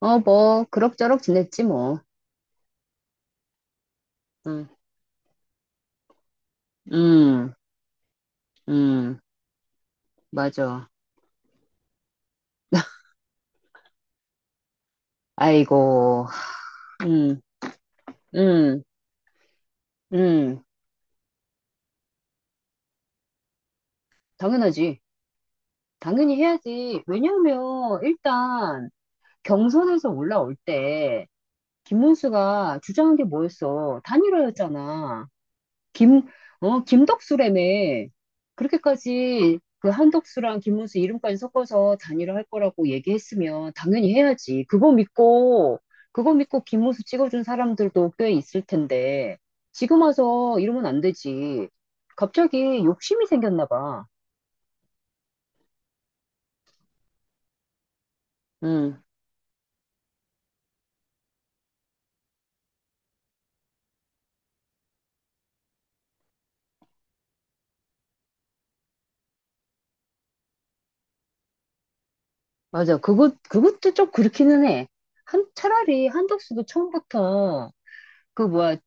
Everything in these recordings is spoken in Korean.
어, 뭐, 그럭저럭 지냈지, 뭐. 응, 응, 응, 맞아. 아이고, 응, 응, 응, 당연하지. 당연히 해야지. 왜냐면, 일단, 경선에서 올라올 때, 김문수가 주장한 게 뭐였어? 단일화였잖아. 김, 김덕수라며. 그렇게까지 그 한덕수랑 김문수 이름까지 섞어서 단일화 할 거라고 얘기했으면 당연히 해야지. 그거 믿고 김문수 찍어준 사람들도 꽤 있을 텐데, 지금 와서 이러면 안 되지. 갑자기 욕심이 생겼나 봐. 응, 맞아. 그것도 좀 그렇기는 해. 차라리 한덕수도 처음부터 그 뭐야,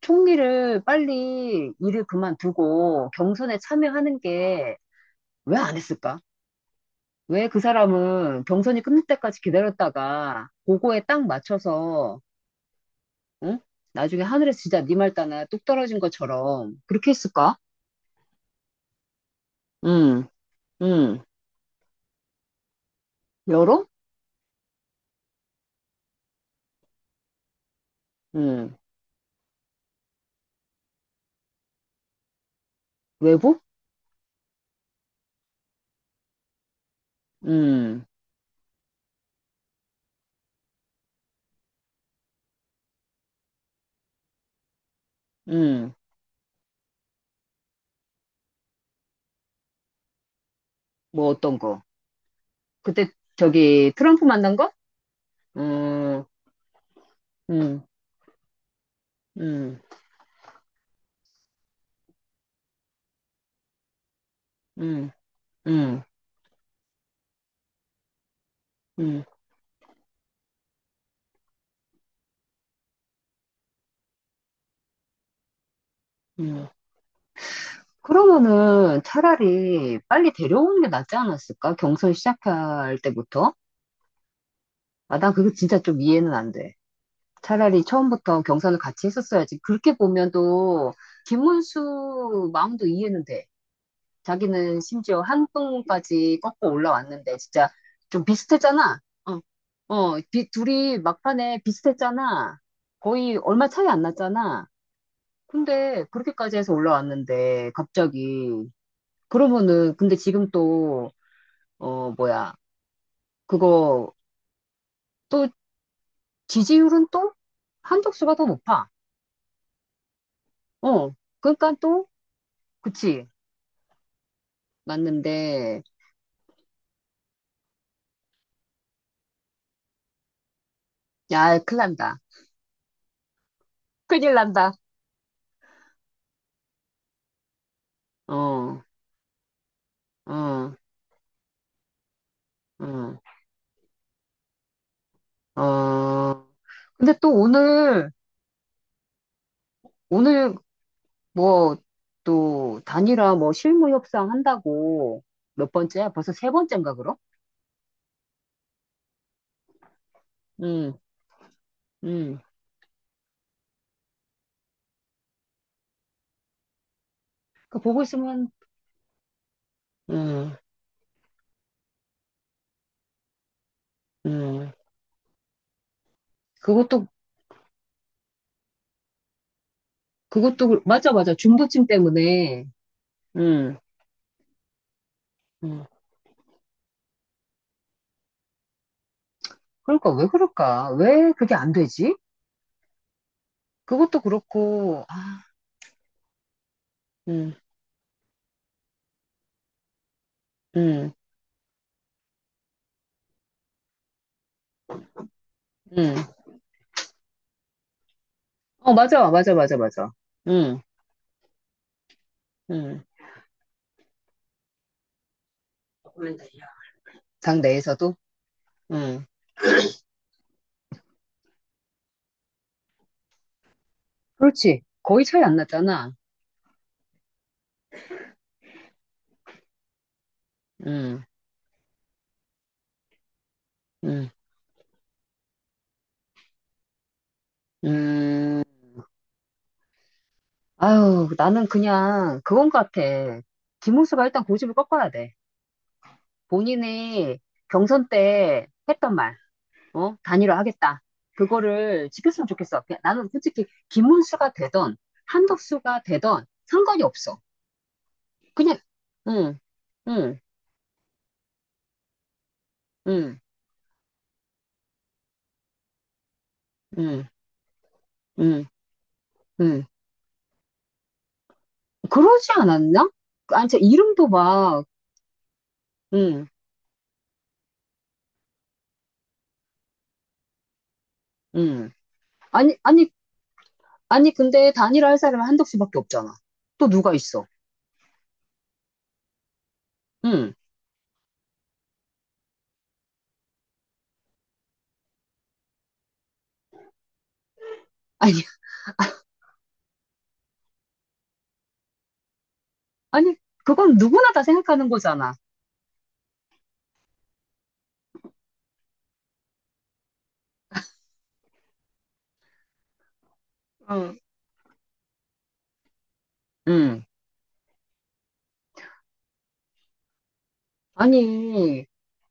총리를 빨리 일을 그만두고 경선에 참여하는 게 왜 안 했을까? 왜 그 사람은 경선이 끝날 때까지 기다렸다가 그거에 딱 맞춰서 응? 나중에 하늘에서 진짜 네 말 따나 뚝 떨어진 것처럼 그렇게 했을까? 음, 음, 여론? 음, 외부? 음, 음, 뭐 어떤 거? 그때 저기 트럼프 만난 거? 음, 음, 음, 음, 음, 음, 음. 그러면은 차라리 빨리 데려오는 게 낫지 않았을까? 경선 시작할 때부터? 아, 난 그게 진짜 좀 이해는 안 돼. 차라리 처음부터 경선을 같이 했었어야지. 그렇게 보면 또 김문수 마음도 이해는 돼. 자기는 심지어 한동까지 꺾고 올라왔는데 진짜 좀 비슷했잖아. 어, 둘이 막판에 비슷했잖아. 거의 얼마 차이 안 났잖아. 근데 그렇게까지 해서 올라왔는데 갑자기 그러면은 근데 지금 또 뭐야, 그거 또 지지율은 또 한덕수가 더 높아. 어, 그러니까 또, 그치, 맞는데, 야, 큰일 난다. 큰일 난다. 어, 어, 어, 어. 근데 또 오늘 뭐, 또, 단일화 뭐 실무 협상 한다고 몇 번째야? 벌써 세 번째인가, 그럼? 응, 응. 그 보고 있으면, 응, 응. 그것도, 맞아, 맞아. 중도층 때문에, 응, 응. 그러니까 왜 그럴까? 왜 그게 안 되지? 그것도 그렇고, 아, 음. 음, 음. 어, 맞아, 맞아, 맞아, 맞아. 음, 음. 조금만 려당 내에서도? 음. 그렇지. 거의 차이 안 났잖아. 음, 음, 음. 아유, 나는 그냥 그건 같아. 김문수가 일단 고집을 꺾어야 돼. 본인이 경선 때 했던 말, 어? 단일화 하겠다. 그거를 지켰으면 좋겠어. 그냥 나는 솔직히 김문수가 되던 한덕수가 되던 상관이 없어. 그냥, 응, 응, 응, 응, 응. 응. 그러지 않았나? 아니, 저 이름도 막, 응, 응. 아니, 아니, 아니, 근데 단일화 할 사람은 한덕수밖에 없잖아. 또 누가 있어? 응. 아니, 아니, 그건 누구나 다 생각하는 거잖아. 어. 응. 아니,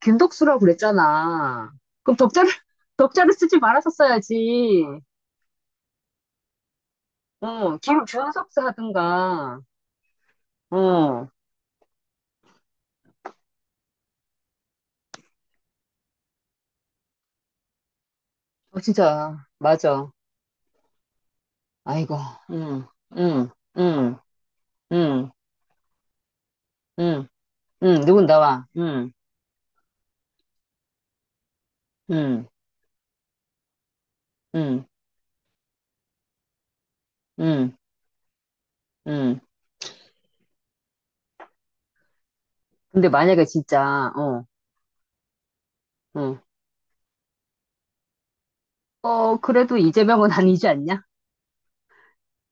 김덕수라고 그랬잖아. 그럼 덕자를, 덕자를 쓰지 말았었어야지. 어, 김준섭사 하든가. 어, 어, 진짜, 맞아. 아이고, 응, 응, 응, 응, 응. 응, 누군 나와. 응, 응, 응, 응, 응. 근데 만약에 진짜, 어, 그래도 이재명은 아니지 않냐?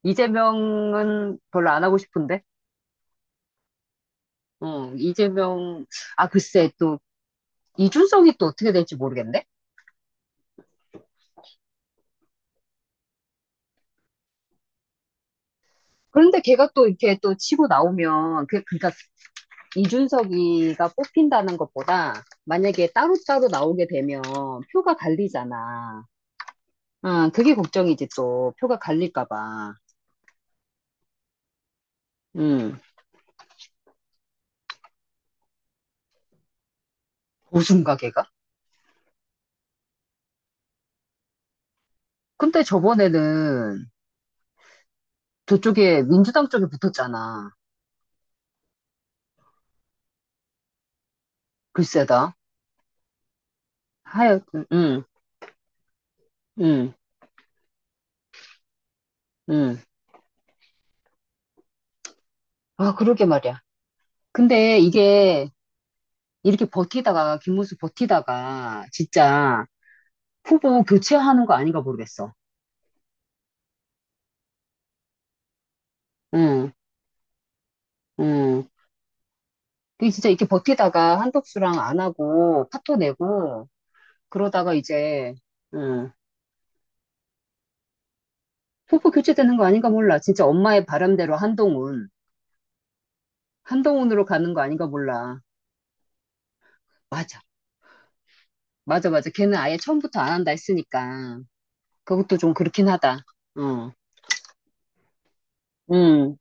이재명은 별로 안 하고 싶은데? 어, 이재명, 아, 글쎄, 또, 이준석이 또 어떻게 될지 모르겠네? 그런데 걔가 또 이렇게 또 치고 나오면, 그러니까 이준석이가 뽑힌다는 것보다 만약에 따로따로 나오게 되면 표가 갈리잖아. 아, 그게 걱정이지 또. 표가 갈릴까 봐. 응. 고순가 걔가? 근데 저번에는 저쪽에 민주당 쪽에 붙었잖아. 글쎄다. 하여튼, 응, 응, 응. 아, 그러게 말이야. 근데 이게 이렇게 버티다가, 김문수 버티다가 진짜 후보 교체하는 거 아닌가 모르겠어. 응, 응. 그 진짜 이렇게 버티다가 한덕수랑 안 하고 파토 내고 그러다가 이제, 응. 후보 교체되는 거 아닌가 몰라. 진짜 엄마의 바람대로 한동훈으로 가는 거 아닌가 몰라. 맞아. 맞아, 맞아. 걔는 아예 처음부터 안 한다 했으니까. 그것도 좀 그렇긴 하다. 어, 음.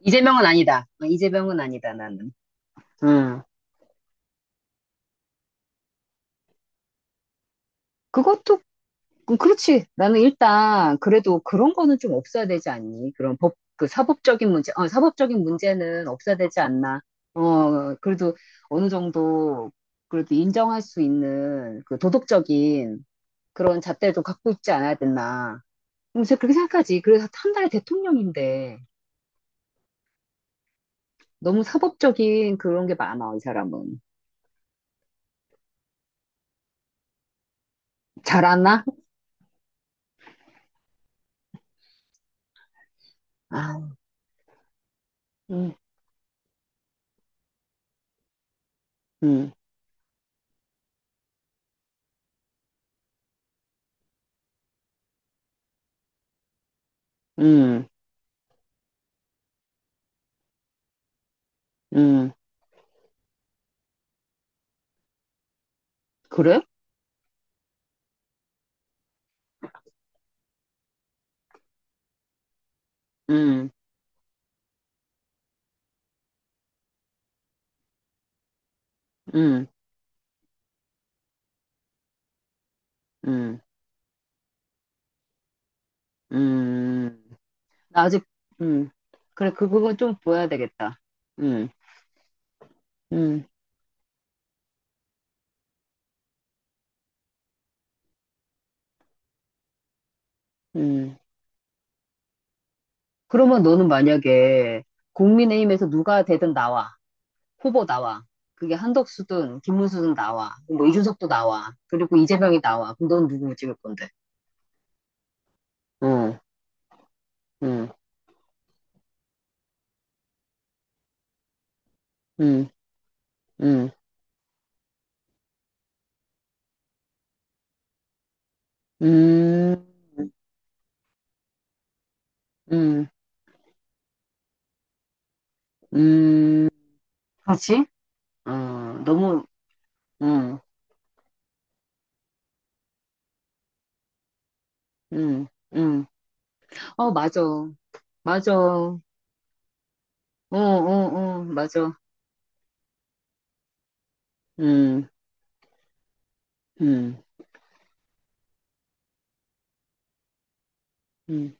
이재명은 아니다. 어, 이재명은 아니다, 나는. 음. 그것도, 그렇지. 나는 일단, 그래도 그런 거는 좀 없어야 되지 않니? 그 사법적인 문제, 사법적인 문제는 없어야 되지 않나? 어, 그래도 어느 정도, 그래도 인정할 수 있는 그 도덕적인 그런 잣대도 갖고 있지 않아야 되나? 그래서 그렇게 생각하지. 그래서 한 달에 대통령인데. 너무 사법적인 그런 게 많아, 이 사람은. 잘하나? 아, 음, 음, 음, 음. 그래? 음, 음, 음, 음. 나 아직, 음. 그래, 그 부분 좀 보여야 되겠다. 음, 음, 음. 그러면 너는 만약에 국민의힘에서 누가 되든 나와. 후보 나와. 그게 한덕수든 김문수든 나와. 뭐 이준석도 나와. 그리고 이재명이 나와. 그럼 넌 누구 찍을 건데? 응, 응, 응, 응, 음. 음, 음, 그렇지? 어, 너무, 음, 음, 음. 어, 맞아. 맞아. 어, 어, 어, 맞아. 음, 음, 음,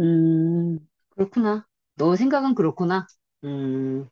그렇구나. 너 생각은 그렇구나. 음.